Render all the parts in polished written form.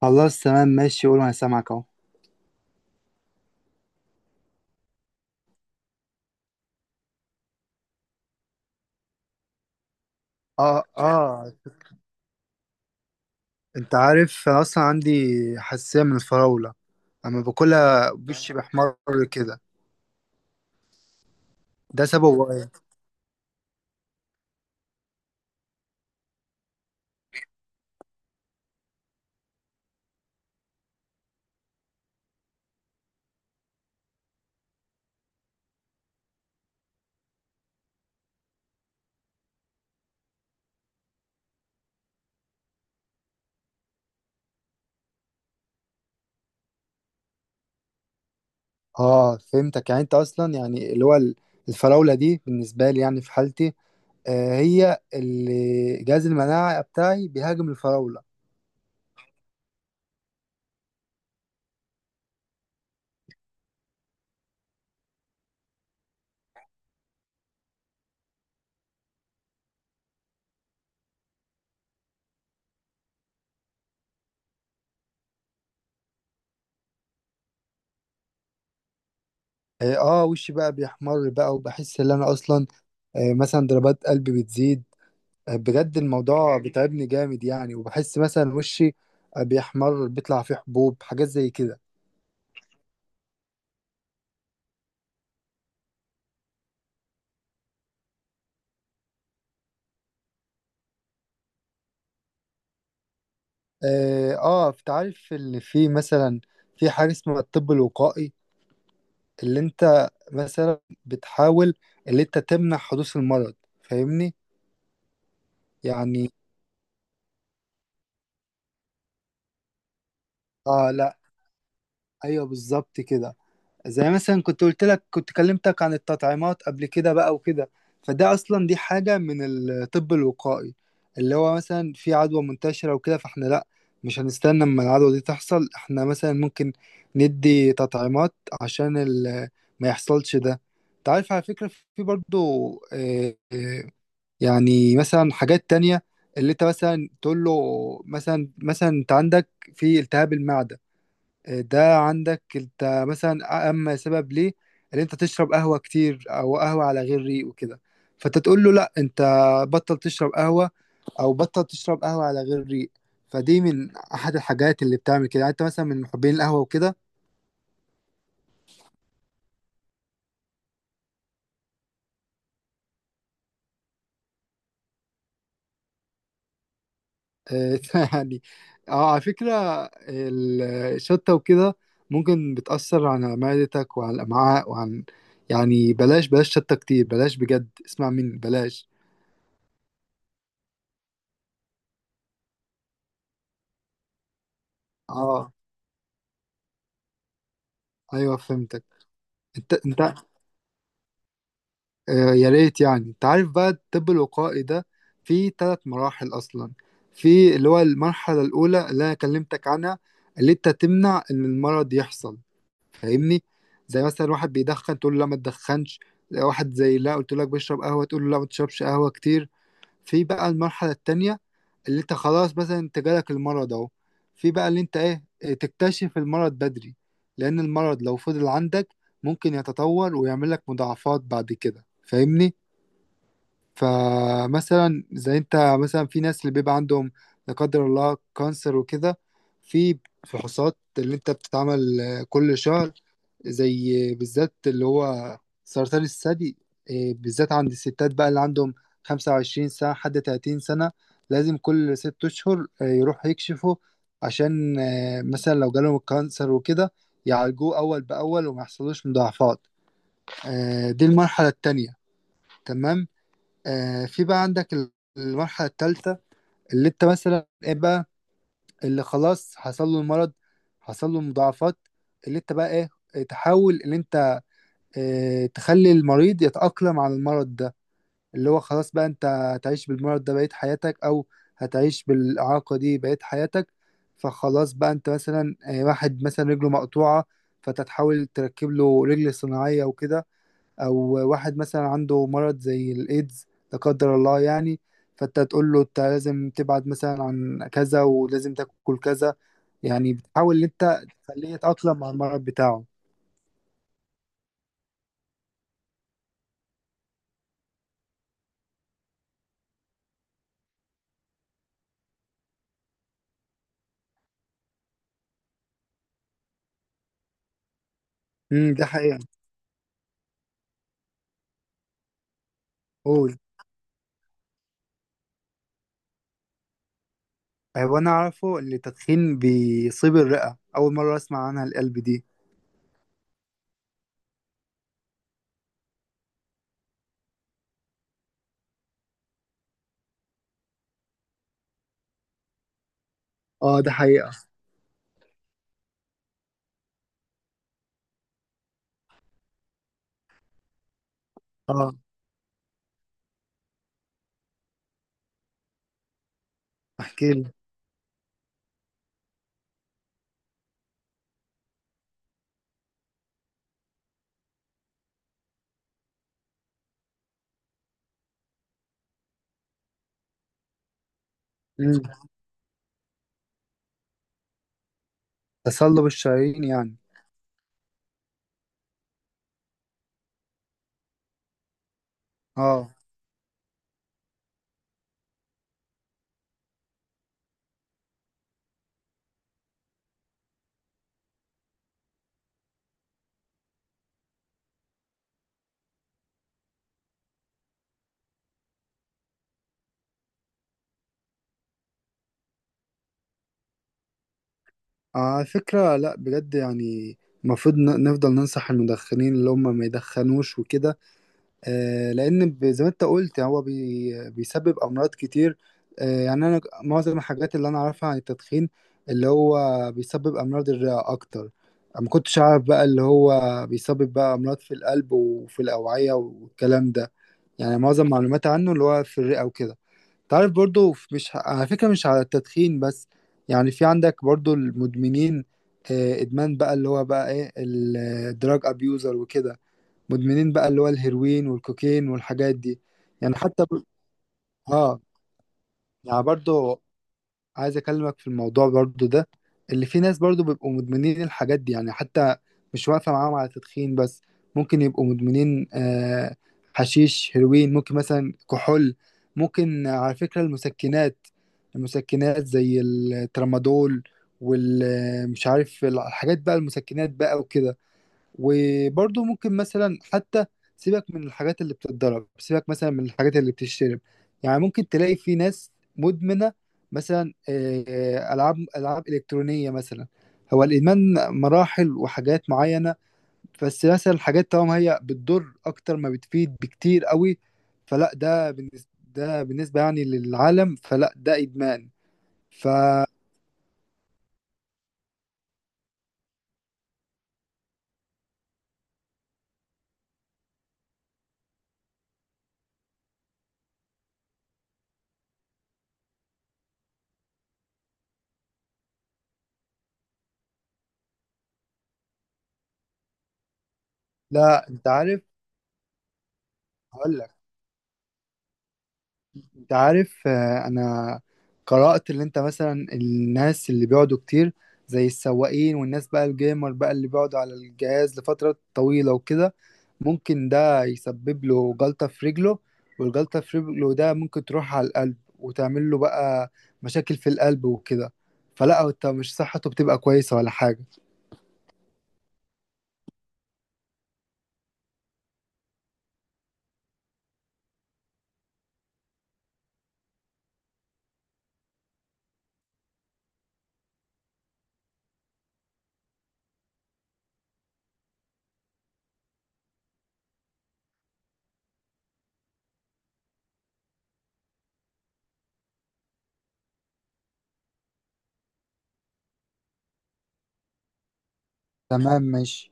خلاص، تمام، ماشي، قول وانا سامعك اهو. اه، اه. انت عارف انا اصلا عندي حساسيه من الفراوله اما باكلها وشي بيحمر كده. ده سببه ايه؟ اه، فهمتك. يعني انت اصلا يعني اللي هو الفراوله دي بالنسبه لي يعني في حالتي، هي اللي جهاز المناعه بتاعي بيهاجم الفراوله. اه. وشي بقى بيحمر بقى وبحس ان انا اصلا مثلا ضربات قلبي بتزيد. بجد الموضوع بيتعبني جامد يعني، وبحس مثلا وشي بيحمر، بيطلع فيه حبوب حاجات زي كده. اه، انت عارف ان في مثلا في حاجة اسمها الطب الوقائي، اللي انت مثلا بتحاول، اللي انت تمنع حدوث المرض، فاهمني؟ يعني اه. لا، ايوه، بالظبط كده. زي مثلا كنت قلت لك، كنت كلمتك عن التطعيمات قبل كده بقى وكده. فده اصلا دي حاجة من الطب الوقائي، اللي هو مثلا في عدوى منتشرة وكده، فاحنا لا، مش هنستنى اما العدوى دي تحصل، احنا مثلا ممكن ندي تطعيمات عشان ما يحصلش ده. انت عارف على فكرة في برضو آه، آه، يعني مثلا حاجات تانية اللي انت مثلا تقول له. مثلا انت عندك في التهاب المعدة، ده عندك انت مثلا اما سبب ليه ان انت تشرب قهوة كتير او قهوة على غير ريق وكده. فانت تقول له لا، انت بطل تشرب قهوة او بطل تشرب قهوة على غير ريق. فدي من احد الحاجات اللي بتعمل كده، يعني انت مثلا من محبين القهوة وكده. آه، يعني اه، على فكرة ال- الشطة وكده ممكن بتأثر على معدتك وعلى الأمعاء وعن. يعني بلاش، بلاش شطة كتير، بلاش بجد، اسمع مني، بلاش. اه، ايوه، فهمتك. انت يا ريت. يعني انت عارف بقى الطب الوقائي ده فيه ثلاث مراحل اصلا. في اللي هو المرحله الاولى اللي انا كلمتك عنها، اللي انت تمنع ان المرض يحصل، فاهمني؟ زي مثلا واحد بيدخن تقول له لا، ما تدخنش. واحد زي لا قلت لك بيشرب قهوه تقول له لا، ما تشربش قهوه كتير. في بقى المرحله التانية، اللي انت خلاص مثلا انت جالك المرض اهو. في بقى اللي انت ايه، اه، تكتشف المرض بدري، لان المرض لو فضل عندك ممكن يتطور ويعمل لك مضاعفات بعد كده، فاهمني؟ فمثلا زي انت مثلا في ناس اللي بيبقى عندهم لا قدر الله كانسر وكده. في فحوصات اللي انت بتتعمل كل شهر، زي بالذات اللي هو سرطان الثدي، بالذات عند الستات بقى اللي عندهم 25 سنة حد 30 سنة لازم كل 6 أشهر يروحوا يكشفوا عشان مثلا لو جالهم الكانسر وكده يعالجوه أول بأول وما يحصلوش مضاعفات. دي المرحلة التانية، تمام. في بقى عندك المرحلة الثالثة، اللي انت مثلا ايه بقى، اللي خلاص حصل له المرض، حصل له مضاعفات، اللي انت بقى ايه، تحاول ان انت اه تخلي المريض يتأقلم على المرض ده. اللي هو خلاص بقى انت هتعيش بالمرض ده بقية حياتك، او هتعيش بالإعاقة دي بقية حياتك. فخلاص بقى انت مثلا واحد مثلا رجله مقطوعة فتتحاول تركب له رجل صناعية وكده، او واحد مثلا عنده مرض زي الايدز، لا قدر الله يعني، فانت تقول له انت لازم تبعد مثلا عن كذا ولازم تاكل كذا. يعني بتحاول ان انت تخليه يتأقلم مع المرض بتاعه. ده حقيقة. قول. هو انا اعرفه ان التدخين بيصيب الرئة، اول مرة اسمع عنها القلب دي. اه، ده حقيقة. اه، احكي لي. امم تصلب الشرايين يعني. اه، على فكرة لا، بجد يعني المفروض نفضل ننصح المدخنين اللي هم ما يدخنوش وكده. لان زي ما انت قلت هو بيسبب امراض كتير. يعني انا معظم الحاجات اللي انا اعرفها عن التدخين اللي هو بيسبب امراض الرئه اكتر. ما كنتش اعرف بقى اللي هو بيسبب بقى امراض في القلب وفي الاوعيه والكلام ده. يعني معظم معلوماتي عنه اللي هو في الرئه وكده. تعرف برضو مش على فكره مش على التدخين بس. يعني في عندك برضو المدمنين، ادمان بقى اللي هو بقى ايه الدراج ابيوزر وكده، مدمنين بقى اللي هو الهيروين والكوكين والحاجات دي. يعني حتى اه، يعني برضو عايز اكلمك في الموضوع برضو ده، اللي في ناس برضو بيبقوا مدمنين الحاجات دي. يعني حتى مش واقفة معاهم على تدخين بس، ممكن يبقوا مدمنين حشيش، هيروين، ممكن مثلا كحول، ممكن على فكرة المسكنات زي الترامادول والمش عارف الحاجات بقى المسكنات بقى وكده. وبرضه ممكن مثلا حتى سيبك من الحاجات اللي بتتضرب، سيبك مثلا من الحاجات اللي بتشترب. يعني ممكن تلاقي في ناس مدمنة مثلا ألعاب إلكترونية مثلا. هو الإدمان مراحل وحاجات معينة، بس مثلا الحاجات طالما هي بتضر أكتر ما بتفيد بكتير قوي، فلا ده بالنسبة يعني للعالم فلا ده إدمان. فلا، أنت عارف، هقول لك. انت عارف انا قرأت اللي انت مثلا الناس اللي بيقعدوا كتير زي السواقين والناس بقى الجيمر بقى اللي بيقعدوا على الجهاز لفترة طويلة وكده ممكن ده يسبب له جلطة في رجله، والجلطة في رجله ده ممكن تروح على القلب وتعمل له بقى مشاكل في القلب وكده. فلا هو انت مش صحته بتبقى كويسة ولا حاجة. تمام، ماشي.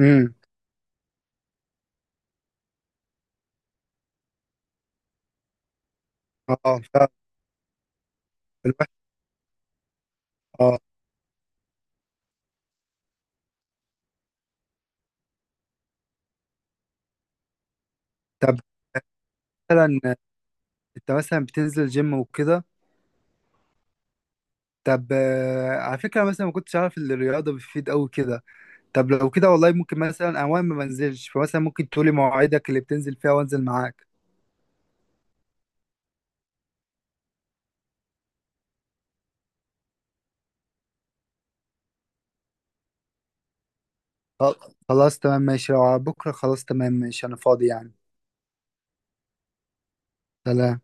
امم اه، فالواحد اه. طب مثلا انت مثلا بتنزل جيم وكده. طب على فكرة مثلا ما كنتش عارف ان الرياضة بتفيد قوي كده. طب لو كده، والله ممكن مثلا اوان ما منزلش، فمثلا ممكن تقولي مواعيدك اللي بتنزل فيها وانزل معاك. خل- خلاص، تمام، ماشي، لو على بكرة خلاص، تمام، ماشي، انا فاضي يعني. سلام.